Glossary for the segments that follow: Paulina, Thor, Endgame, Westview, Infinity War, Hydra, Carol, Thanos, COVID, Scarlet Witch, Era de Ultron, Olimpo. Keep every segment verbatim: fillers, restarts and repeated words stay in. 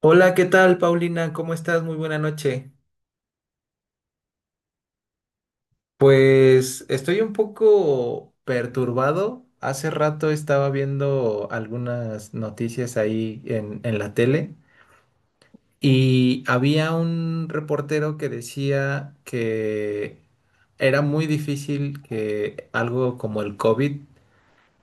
Hola, ¿qué tal, Paulina? ¿Cómo estás? Muy buena noche. Pues estoy un poco perturbado. Hace rato estaba viendo algunas noticias ahí en, en la tele y había un reportero que decía que era muy difícil que algo como el COVID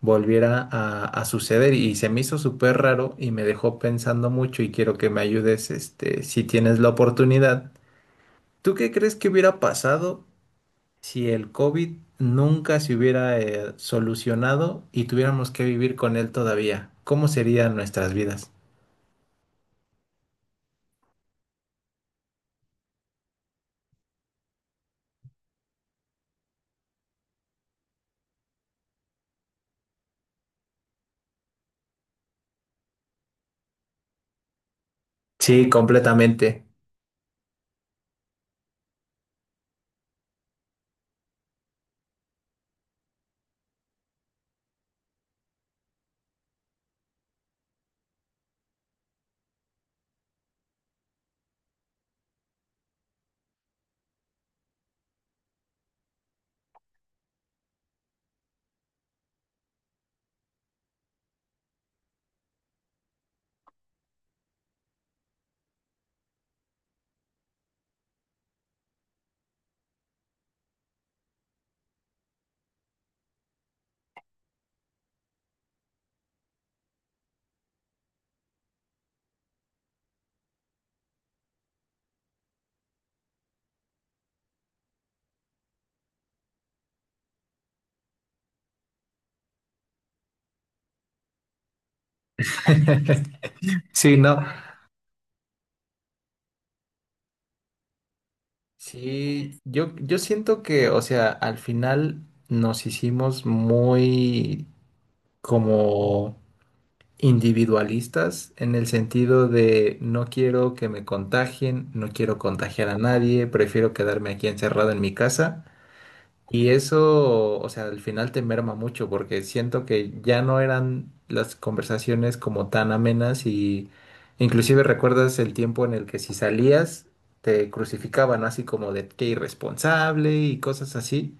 volviera a, a suceder y se me hizo súper raro y me dejó pensando mucho y quiero que me ayudes, este, si tienes la oportunidad. ¿Tú qué crees que hubiera pasado si el COVID nunca se hubiera eh, solucionado y tuviéramos que vivir con él todavía? ¿Cómo serían nuestras vidas? Sí, completamente. Sí, no. Sí, yo, yo siento que, o sea, al final nos hicimos muy como individualistas en el sentido de no quiero que me contagien, no quiero contagiar a nadie, prefiero quedarme aquí encerrado en mi casa. Y eso, o sea, al final te merma mucho porque siento que ya no eran las conversaciones como tan amenas, y inclusive recuerdas el tiempo en el que si salías te crucificaban así como de qué irresponsable y cosas así.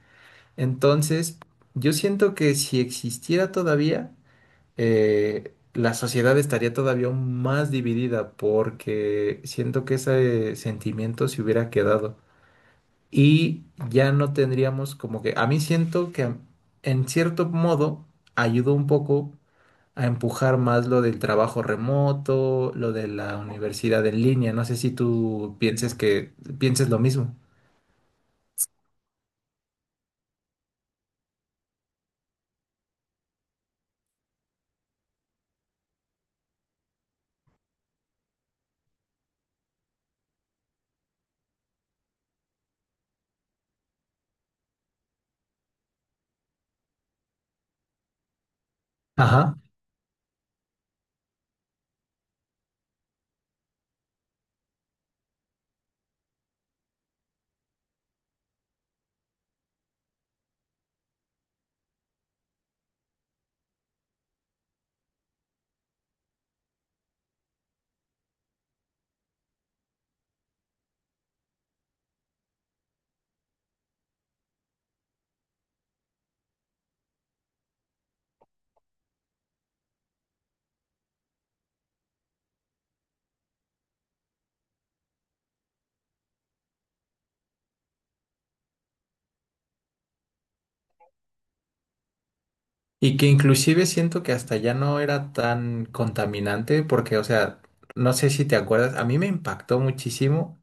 Entonces, yo siento que si existiera todavía, eh, la sociedad estaría todavía aún más dividida porque siento que ese sentimiento se hubiera quedado y ya no tendríamos como que, a mí siento que en cierto modo ayudó un poco a empujar más lo del trabajo remoto, lo de la universidad en línea, no sé si tú pienses que pienses lo mismo. Ajá. Y que inclusive siento que hasta ya no era tan contaminante porque, o sea, no sé si te acuerdas, a mí me impactó muchísimo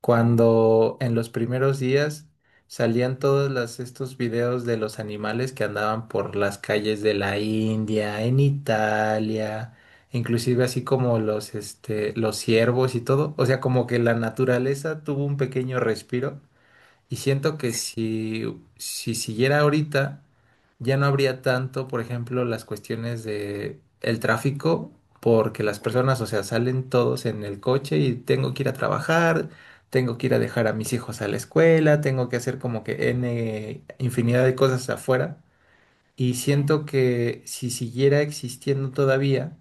cuando en los primeros días salían todos las- estos videos de los animales que andaban por las calles de la India, en Italia, inclusive así como los, este, los ciervos y todo. O sea, como que la naturaleza tuvo un pequeño respiro y siento que si, si siguiera ahorita, ya no habría tanto, por ejemplo, las cuestiones de el tráfico, porque las personas, o sea, salen todos en el coche y tengo que ir a trabajar, tengo que ir a dejar a mis hijos a la escuela, tengo que hacer como que ene infinidad de cosas afuera. Y siento que si siguiera existiendo todavía,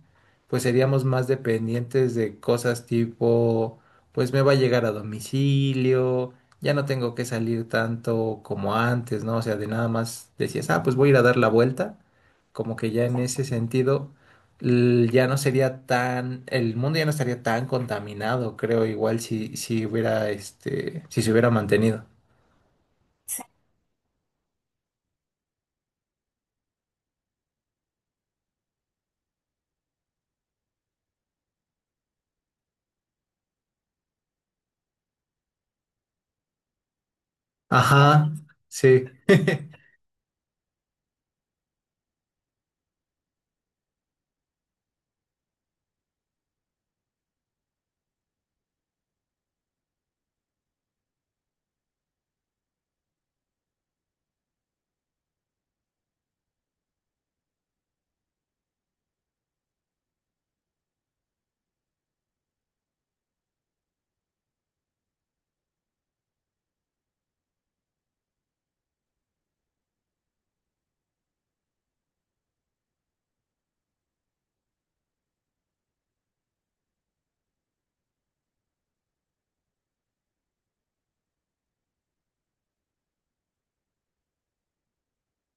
pues seríamos más dependientes de cosas tipo, pues me va a llegar a domicilio, ya no tengo que salir tanto como antes, ¿no? O sea, de nada más decías, ah, pues voy a ir a dar la vuelta, como que ya en ese sentido l- ya no sería tan, el mundo ya no estaría tan contaminado, creo, igual si, si hubiera, este, si se hubiera mantenido. Ajá, sí.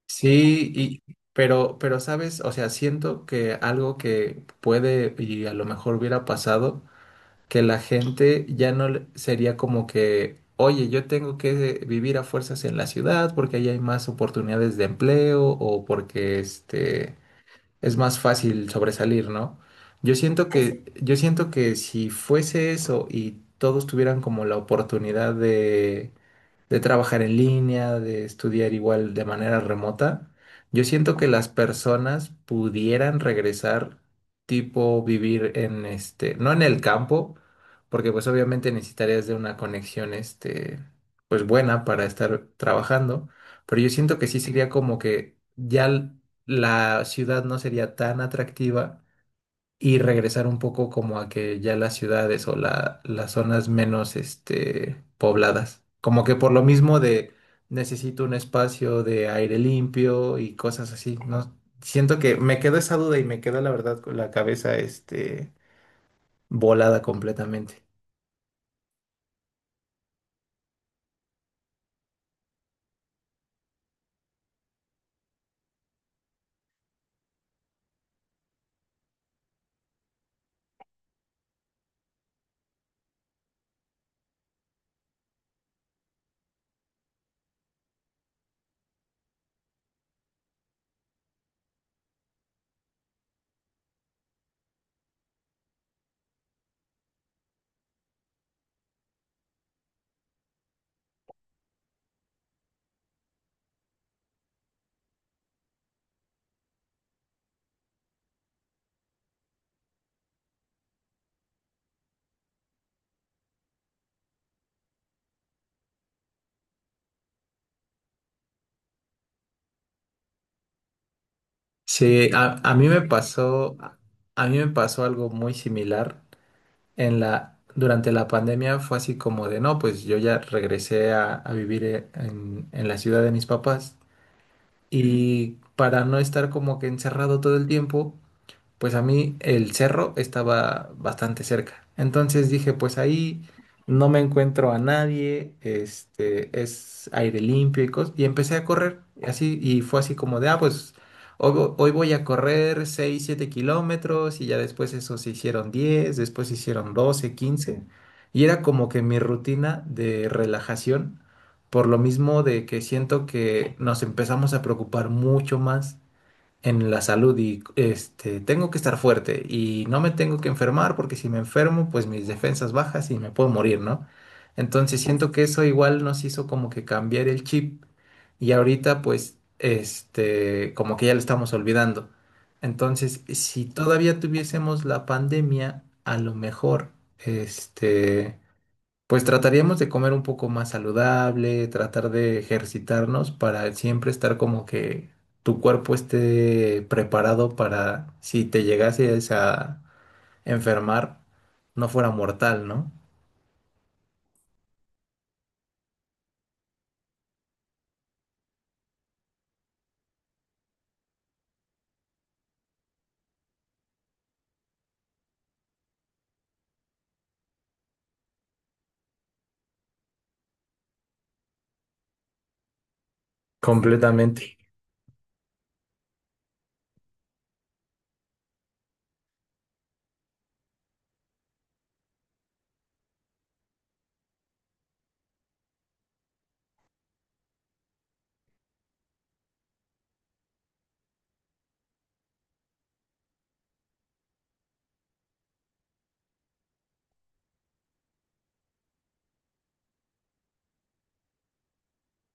Sí, y, pero, pero sabes, o sea, siento que algo que puede y a lo mejor hubiera pasado, que la gente ya no le- sería como que, oye, yo tengo que vivir a fuerzas en la ciudad porque ahí hay más oportunidades de empleo o porque este es más fácil sobresalir, ¿no? Yo siento, así, que, yo siento que si fuese eso y todos tuvieran como la oportunidad de, de trabajar en línea, de estudiar igual de manera remota, yo siento que las personas pudieran regresar, tipo vivir en este, no en el campo, porque pues obviamente necesitarías de una conexión este, pues buena para estar trabajando, pero yo siento que sí sería como que ya la ciudad no sería tan atractiva y regresar un poco como a que ya las ciudades o la- las zonas menos este, pobladas. Como que por lo mismo de necesito un espacio de aire limpio y cosas así, ¿no? Siento que me quedó esa duda y me quedó la verdad con la cabeza este, volada completamente. Sí, a, a mí me pasó, a mí me pasó algo muy similar en la, durante la pandemia fue así como de, no, pues yo ya regresé a, a vivir eh, en, en, la ciudad de mis papás y para no estar como que encerrado todo el tiempo, pues a mí el cerro estaba bastante cerca. Entonces dije, pues ahí no me encuentro a nadie, este, es aire limpio y cosas. Y empecé a correr, y así, y fue así como de, ah, pues hoy, vo- hoy voy a correr seis siete kilómetros, y ya después eso se hicieron diez, después se hicieron doce, quince. Y era como que mi rutina de relajación, por lo mismo de que siento que nos empezamos a preocupar mucho más en la salud y este, tengo que estar fuerte y no me tengo que enfermar porque si me enfermo, pues mis defensas bajas y me puedo morir, ¿no? Entonces siento que eso igual nos hizo como que cambiar el chip y ahorita pues este, como que ya lo estamos olvidando. Entonces, si todavía tuviésemos la pandemia, a lo mejor este pues trataríamos de comer un poco más saludable, tratar de ejercitarnos para siempre estar como que tu cuerpo esté preparado para si te llegases a enfermar, no fuera mortal, ¿no? Completamente.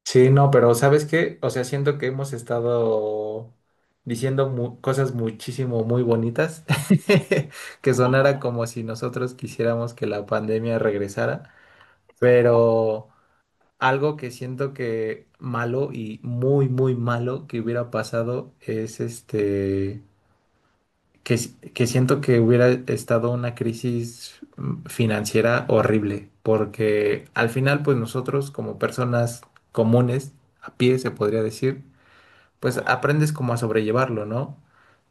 Sí, no, pero ¿sabes qué? O sea, siento que hemos estado diciendo mu- cosas muchísimo muy bonitas, que sonara como si nosotros quisiéramos que la pandemia regresara, pero... Algo que siento que malo y muy, muy malo que hubiera pasado es este, que, s- que siento que hubiera estado una crisis mm, financiera horrible, porque al final, pues nosotros como personas comunes, a pie se podría decir, pues aprendes como a sobrellevarlo, ¿no?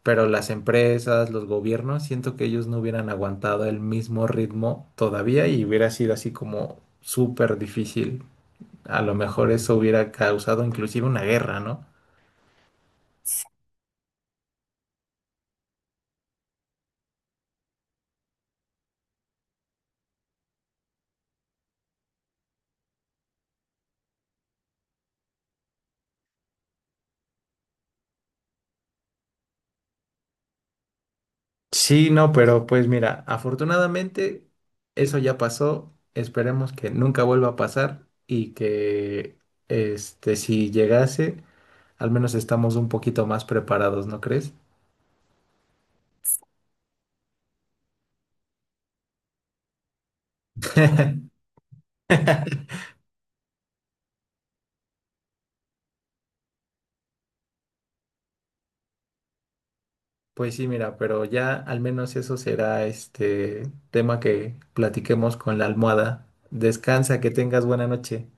Pero las empresas, los gobiernos, siento que ellos no hubieran aguantado el mismo ritmo todavía y hubiera sido así como súper difícil, a lo mejor eso hubiera causado inclusive una guerra, ¿no? Sí, no, pero pues mira, afortunadamente eso ya pasó. Esperemos que nunca vuelva a pasar y que este si llegase, al menos estamos un poquito más preparados, ¿no crees? Pues sí, mira, pero ya al menos eso será este tema que platiquemos con la almohada. Descansa, que tengas buena noche.